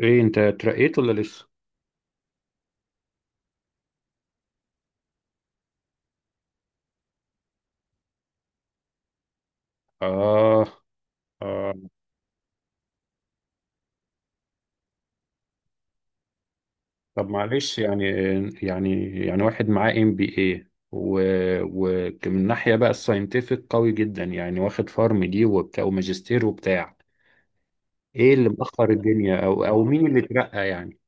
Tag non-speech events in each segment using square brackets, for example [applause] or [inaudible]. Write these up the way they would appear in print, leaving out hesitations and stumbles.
ايه انت اترقيت ولا لسه؟ آه، آه. طب معلش يعني. يعني واحد معاه MBA ومن ناحية بقى الساينتفك قوي جدا يعني واخد فارم دي وبتاع وماجستير وبتاع. ايه اللي مأخر الدنيا او مين اللي اترقى يعني؟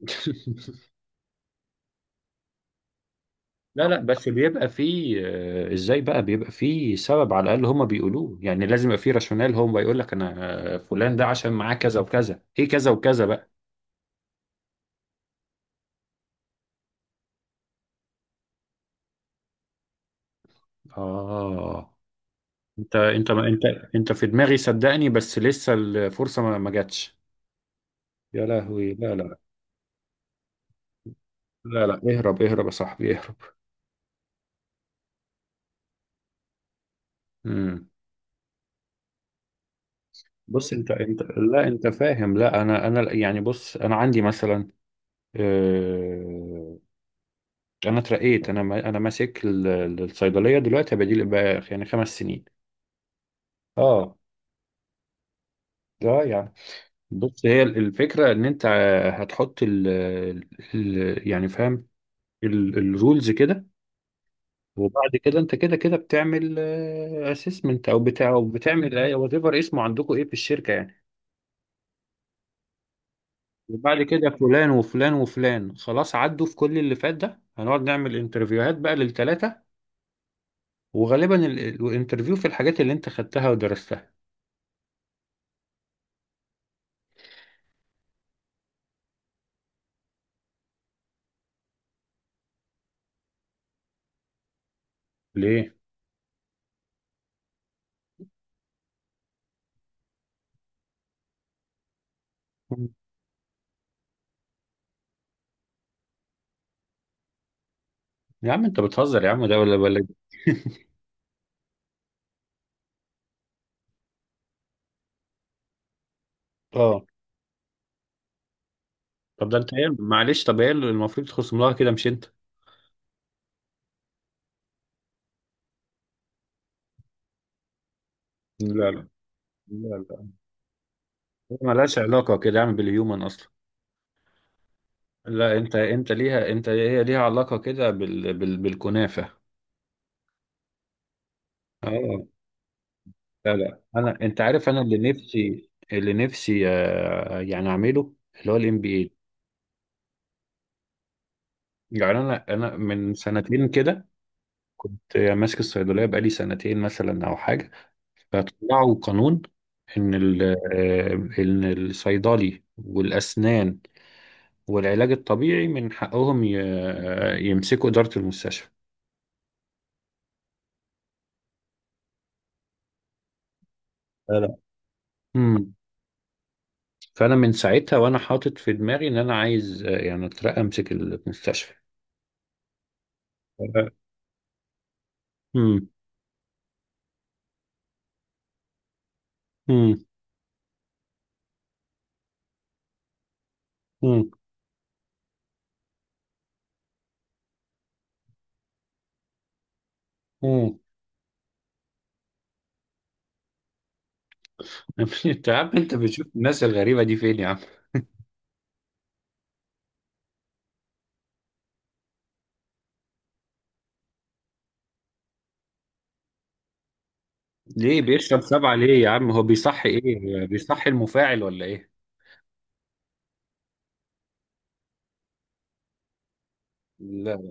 [laughs] لا لا، بس بيبقى فيه، ازاي بقى بيبقى فيه سبب على الاقل هما بيقولوه. يعني لازم يبقى فيه راشونال. هو بيقول لك: انا فلان ده عشان معاه كذا وكذا، ايه كذا وكذا بقى. اه. انت انت في دماغي صدقني، بس لسه الفرصة ما جاتش. يا لهوي، لا لا. لا لا، اهرب اهرب يا صاحبي، اهرب. امم. بص، انت لا انت فاهم، لا انا يعني بص انا عندي مثلا آه، انا اترقيت. انا انا ماسك الصيدليه دلوقتي بديل بقى، يعني 5 سنين. اه. ده يعني، بص هي الفكره ان انت هتحط ال ال- يعني فاهم الرولز كده. وبعد كده انت كده كده بتعمل اسسمنت او بتاع، او بتعمل وات ايفر اسمه عندكم ايه في الشركه يعني. وبعد كده فلان وفلان وفلان خلاص عدوا في كل اللي فات ده، هنقعد نعمل انترفيوهات بقى للثلاثه. وغالبا الانترفيو في الحاجات اللي انت خدتها ودرستها. ليه؟ يا عم انت بتهزر، يا عم ده ولا. اه. طب ده انت ايه؟ معلش طب ايه اللي المفروض تخصم لها كده، مش انت؟ لا لا. لا لا. هي ملهاش علاقه كده يا عم بالهيومن اصلا. لا، انت ليها، انت هي ليها علاقة كده بالكنافة. اه لا لا، انا انت عارف، انا اللي نفسي يعني اعمله، اللي هو الام بي اي. يعني انا من سنتين كده كنت ماسك الصيدلية بقالي سنتين مثلا او حاجة، فطلعوا قانون ان ال... آه، ان الصيدلي والاسنان والعلاج الطبيعي من حقهم ي... آه، يمسكوا إدارة المستشفى. لا لا. مم. فانا من ساعتها وانا حاطط في دماغي ان انا عايز يعني اترقى، امسك المستشفى. [laughs] امم، امم، امم، امم. [laughs] انت يا عم، انت بتشوف الناس الغريبه دي فين يا عم؟ ليه بيشرب 7؟ ليه يا عم؟ هو بيصحي ايه، بيصحي المفاعل ولا ايه؟ لا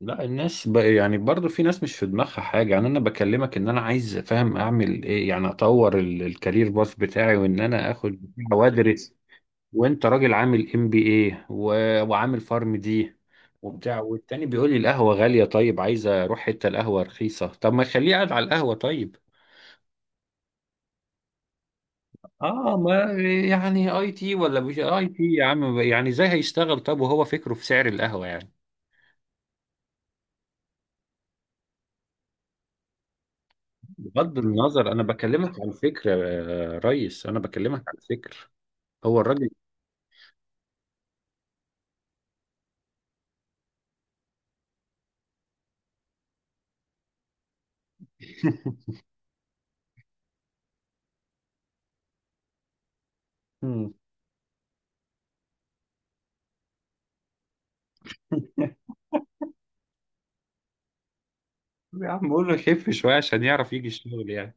لا. الناس يعني برضو في ناس مش في دماغها حاجه. يعني انا بكلمك ان انا عايز فاهم اعمل ايه، يعني اطور الكارير باث بتاعي وان انا اخد وادرس، وانت راجل عامل MBA وعامل فارم دي وبتاع، والتاني بيقول لي القهوة غالية. طيب عايز اروح حتة القهوة رخيصة، طب ما خليه قاعد على القهوة طيب. اه ما يعني IT ولا مش IT يا عم، يعني ازاي هيشتغل طب وهو فكره في سعر القهوة يعني؟ بغض النظر، انا بكلمك عن فكرة يا ريس، انا بكلمك عن فكر. هو الراجل. [laughs] يا عم قول له خف شوية عشان يعرف يجي الشغل يعني.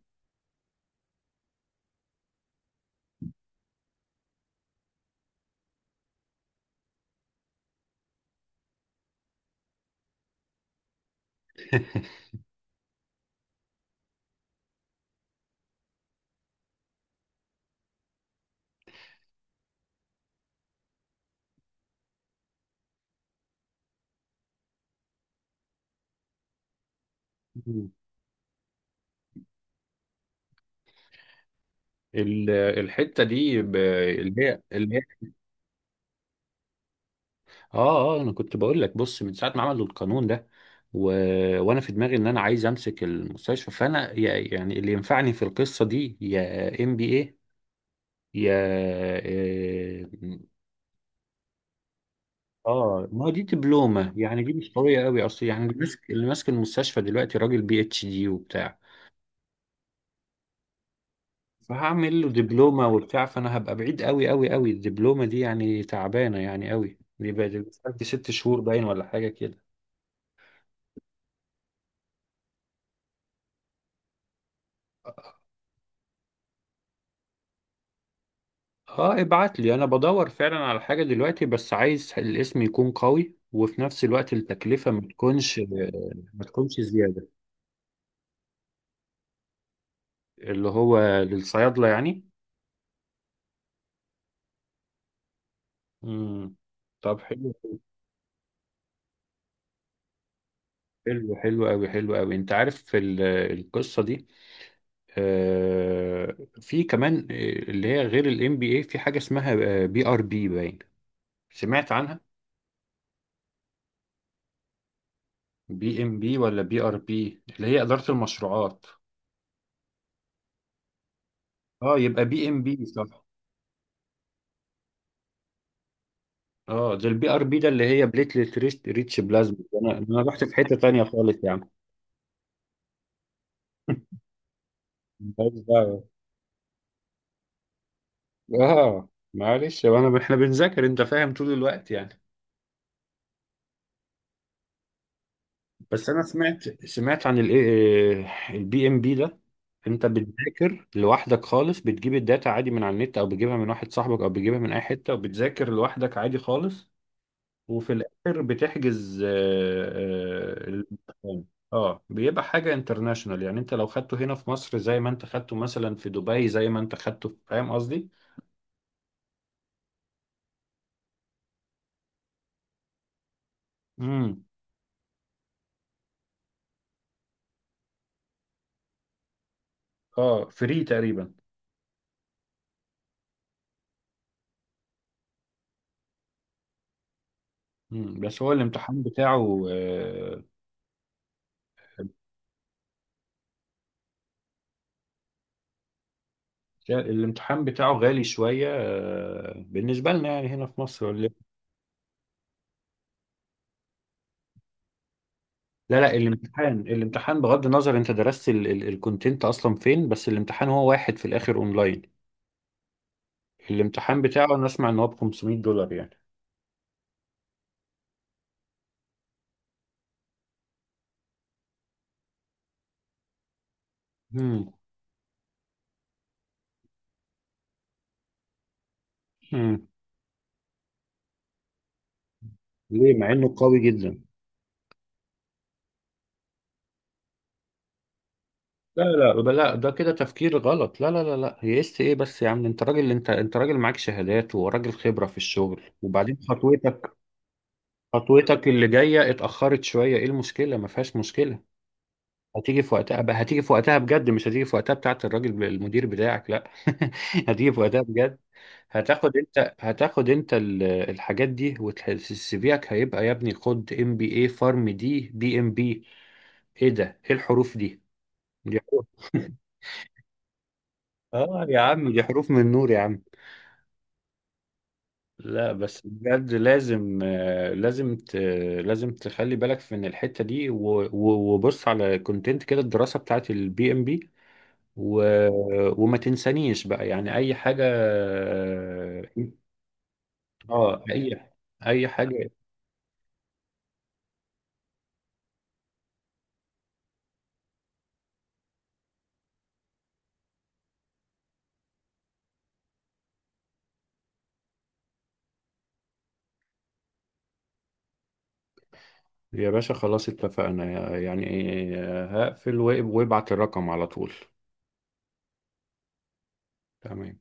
الحتة دي اللي هي. اه اه، انا كنت بقول لك، بص من ساعه ما عملوا القانون ده و... وانا في دماغي ان انا عايز امسك المستشفى، فانا يعني اللي ينفعني في القصه دي يا MBA، يا اه ما هو دي دبلومه، يعني دي مش قويه قوي اصل. يعني اللي ماسك المستشفى دلوقتي راجل PhD وبتاع. فهعمل له دبلومه وبتاع، فانا هبقى بعيد قوي قوي قوي. الدبلومه دي يعني تعبانه يعني قوي دي بقى، دي 6 شهور باين ولا حاجه كده. اه ابعت لي، انا بدور فعلا على حاجة دلوقتي، بس عايز الاسم يكون قوي وفي نفس الوقت التكلفة ما تكونش زيادة. اللي هو للصيادلة يعني. امم. طب حلو، حلو، حلو قوي، حلو قوي. انت عارف في القصة دي في كمان، اللي هي غير الام بي اي، في حاجة اسمها PRP باين. سمعت عنها؟ PMP ولا PRP اللي هي إدارة المشروعات؟ اه يبقى PMP صح. اه، ده البي ار بي ده اللي هي بليتلت ريست ريتش بلازما، انا رحت في حته تانية خالص يا عم. ماليش دعوه. اه معلش، هو انا احنا بنذاكر انت فاهم طول الوقت يعني. بس انا سمعت عن البي ام بي ده، انت بتذاكر لوحدك خالص. بتجيب الداتا عادي من على النت او بتجيبها من واحد صاحبك او بتجيبها من اي حته، وبتذاكر لوحدك عادي خالص، وفي الاخر بتحجز المكان. اه بيبقى حاجه انترناشونال، يعني انت لو خدته هنا في مصر زي ما انت خدته مثلا في دبي، زي ما انت خدته فاهم قصدي. امم. اه فري تقريبا. امم. بس هو الامتحان بتاعه الامتحان بتاعه غالي شويه بالنسبه لنا، يعني هنا في مصر ولا إيه؟ لا لا، الامتحان بغض النظر انت درست الكونتنت اصلا فين، بس الامتحان هو واحد في الاخر اونلاين. الامتحان بتاعه انا اسمع ان هو ب $500 يعني. مم. مم. ليه مع انه قوي جدا؟ لا لا، لا ده كده تفكير غلط. لا لا لا لا، يئست ايه بس يا عم؟ انت راجل، انت راجل معاك شهادات وراجل خبرة في الشغل، وبعدين خطوتك اللي جاية اتأخرت شوية. ايه المشكلة؟ ما فيهاش مشكلة، هتيجي في وقتها بقى. هتيجي في وقتها بجد، مش هتيجي في وقتها بتاعت الراجل، المدير بتاعك لا. [laughs] هتيجي في وقتها بجد. هتاخد انت الحاجات دي، والسي فيك هيبقى يا ابني: خد MBA، فارم دي، PMP. ايه ده؟ ايه الحروف دي؟ دي حروف. [laughs] اه يا عم دي حروف من نور يا عم. لا بس بجد لازم، لازم تخلي بالك من الحتة دي، وبص على كونتنت كده الدراسة بتاعت البي ام بي، و... وما تنسانيش بقى يعني اي حاجة. اه، اي حاجة. يا باشا خلاص اتفقنا يعني. هقفل وابعت الرقم على طول. تمام.